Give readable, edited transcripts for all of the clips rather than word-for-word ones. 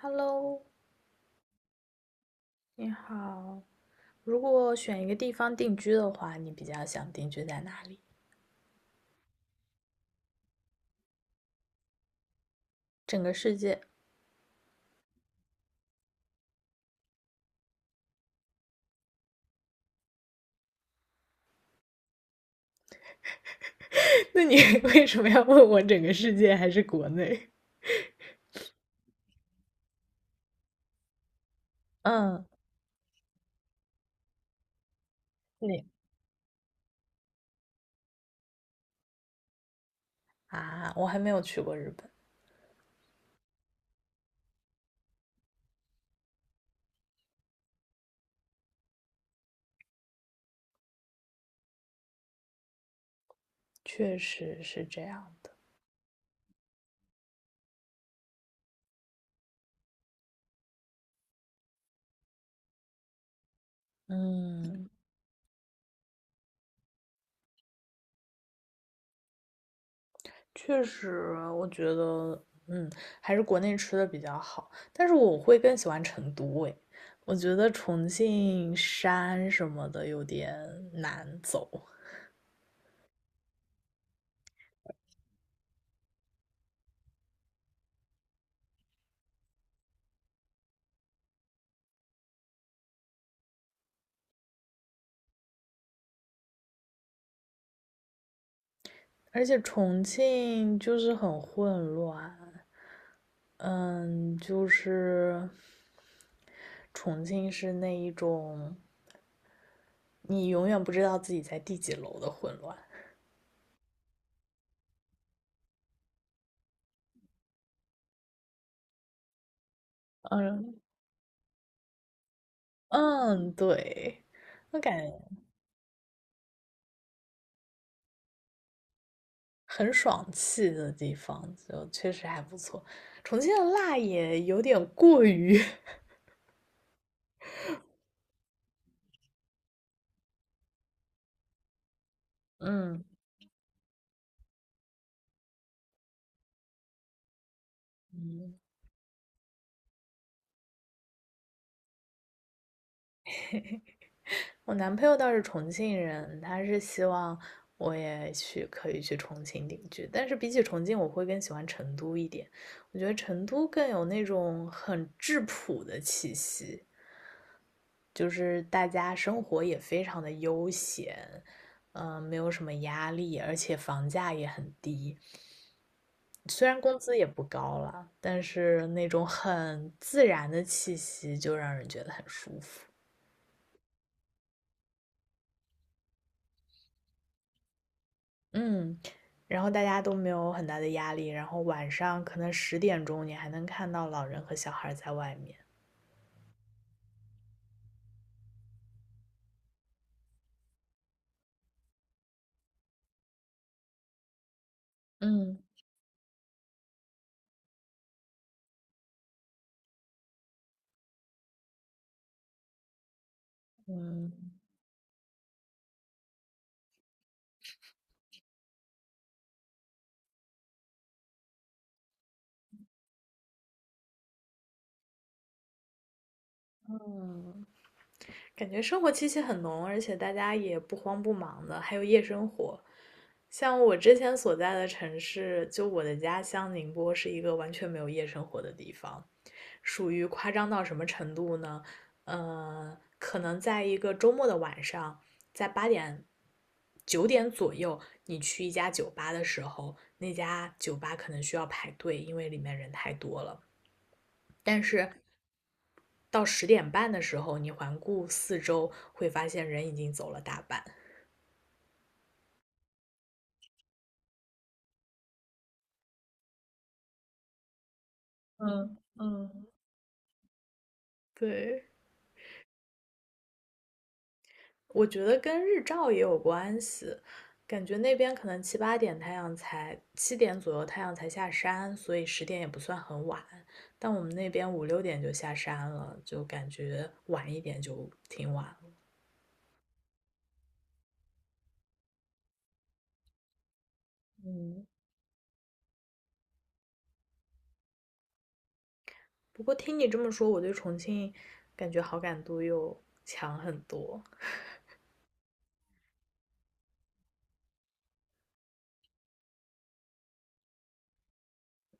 Hello，你好。如果选一个地方定居的话，你比较想定居在哪里？整个世界？那你 为什么要问我整个世界还是国内？嗯，你啊，我还没有去过日本，确实是这样的。嗯，确实，我觉得，还是国内吃的比较好。但是我会更喜欢成都，诶，我觉得重庆山什么的有点难走。而且重庆就是很混乱，嗯，就是重庆是那一种你永远不知道自己在第几楼的混乱，嗯嗯，对，我感觉很爽气的地方就确实还不错，重庆的辣也有点过于，嗯嗯。我男朋友倒是重庆人，他是希望我也去可以去重庆定居，但是比起重庆，我会更喜欢成都一点。我觉得成都更有那种很质朴的气息，就是大家生活也非常的悠闲，没有什么压力，而且房价也很低，虽然工资也不高了，但是那种很自然的气息就让人觉得很舒服。嗯，然后大家都没有很大的压力，然后晚上可能10点钟你还能看到老人和小孩在外面。嗯嗯。嗯。感觉生活气息很浓，而且大家也不慌不忙的，还有夜生活。像我之前所在的城市，就我的家乡宁波是一个完全没有夜生活的地方，属于夸张到什么程度呢？可能在一个周末的晚上，在八点、9点左右，你去一家酒吧的时候，那家酒吧可能需要排队，因为里面人太多了。但是到10点半的时候，你环顾四周，会发现人已经走了大半。嗯嗯。对，我觉得跟日照也有关系，感觉那边可能七八点太阳才，7点左右太阳才下山，所以十点也不算很晚。但我们那边五六点就下山了，就感觉晚一点就挺晚了。嗯。不过听你这么说，我对重庆感觉好感度又强很多。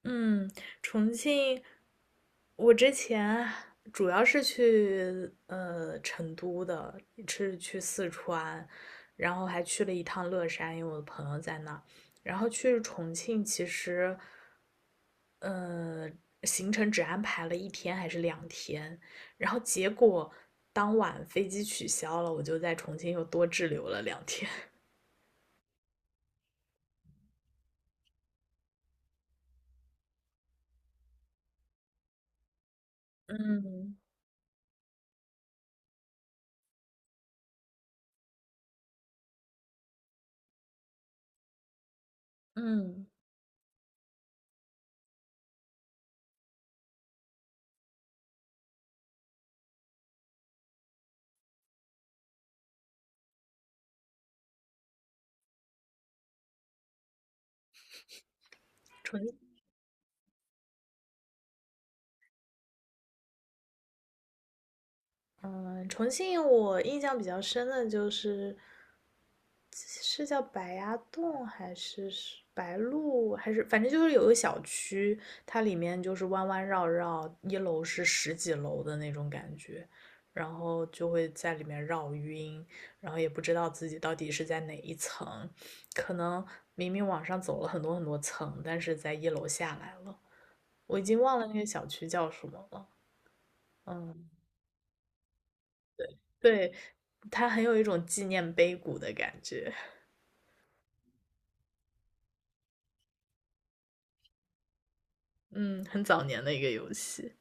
嗯，重庆我之前主要是去成都的，是去四川，然后还去了一趟乐山，因为我的朋友在那儿然后去重庆，其实行程只安排了1天还是两天，然后结果当晚飞机取消了，我就在重庆又多滞留了两天。嗯，重嗯，重庆我印象比较深的就是，是叫白崖洞还是是白鹿，还是反正就是有个小区，它里面就是弯弯绕绕，一楼是十几楼的那种感觉，然后就会在里面绕晕，然后也不知道自己到底是在哪一层，可能明明往上走了很多很多层，但是在一楼下来了，我已经忘了那个小区叫什么了。嗯，对，它很有一种纪念碑谷的感觉，嗯，很早年的一个游戏。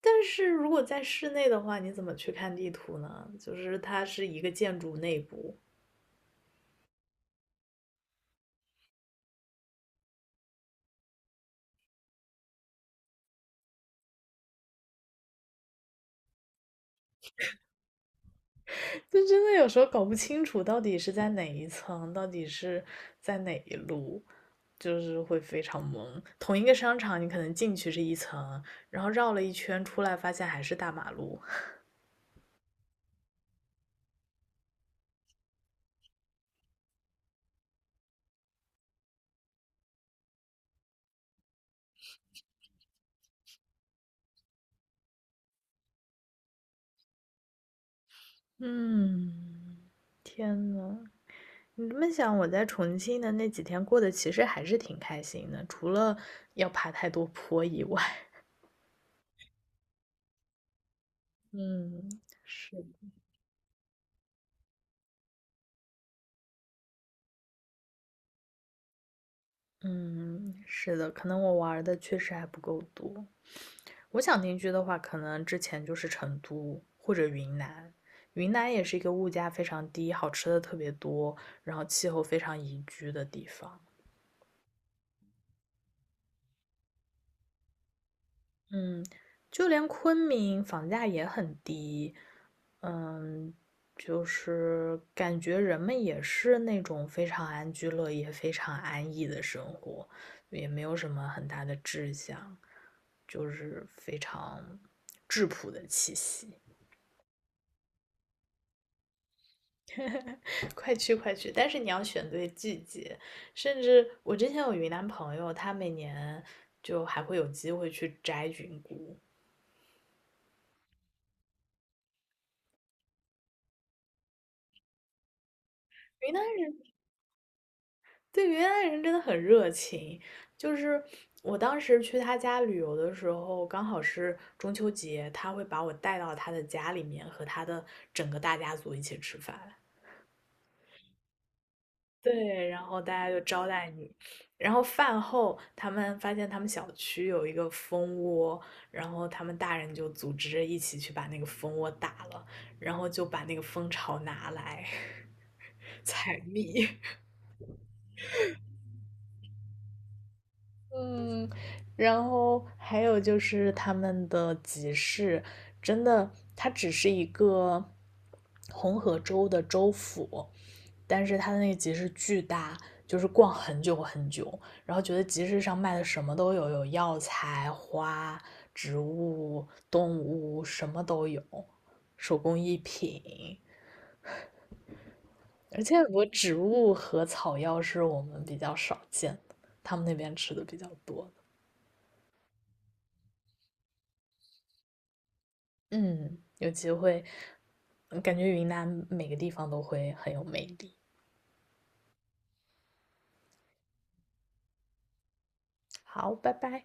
但是如果在室内的话，你怎么去看地图呢？就是它是一个建筑内部，就真的有时候搞不清楚到底是在哪一层，到底是在哪一路，就是会非常懵。同一个商场，你可能进去是一层，然后绕了一圈出来，发现还是大马路。嗯，天呐，你这么想，我在重庆的那几天过得其实还是挺开心的，除了要爬太多坡以外。嗯，是。嗯，是的，可能我玩儿的确实还不够多。我想定居的话，可能之前就是成都或者云南。云南也是一个物价非常低、好吃的特别多，然后气候非常宜居的地方。嗯，就连昆明房价也很低。嗯，就是感觉人们也是那种非常安居乐业、非常安逸的生活，也没有什么很大的志向。就是非常质朴的气息。快去快去！但是你要选对季节，甚至我之前有云南朋友，他每年就还会有机会去摘菌菇。云南人对云南人真的很热情，就是我当时去他家旅游的时候，刚好是中秋节，他会把我带到他的家里面，和他的整个大家族一起吃饭。对，然后大家就招待你，然后饭后他们发现他们小区有一个蜂窝，然后他们大人就组织着一起去把那个蜂窝打了，然后就把那个蜂巢拿来 采蜜。嗯，然后还有就是他们的集市，真的，它只是一个红河州的州府，但是它的那个集市巨大，就是逛很久很久，然后觉得集市上卖的什么都有，有药材、花、植物、动物，什么都有，手工艺品，而且我植物和草药是我们比较少见的，他们那边吃的比较多。嗯，有机会，感觉云南每个地方都会很有魅力。好，拜拜。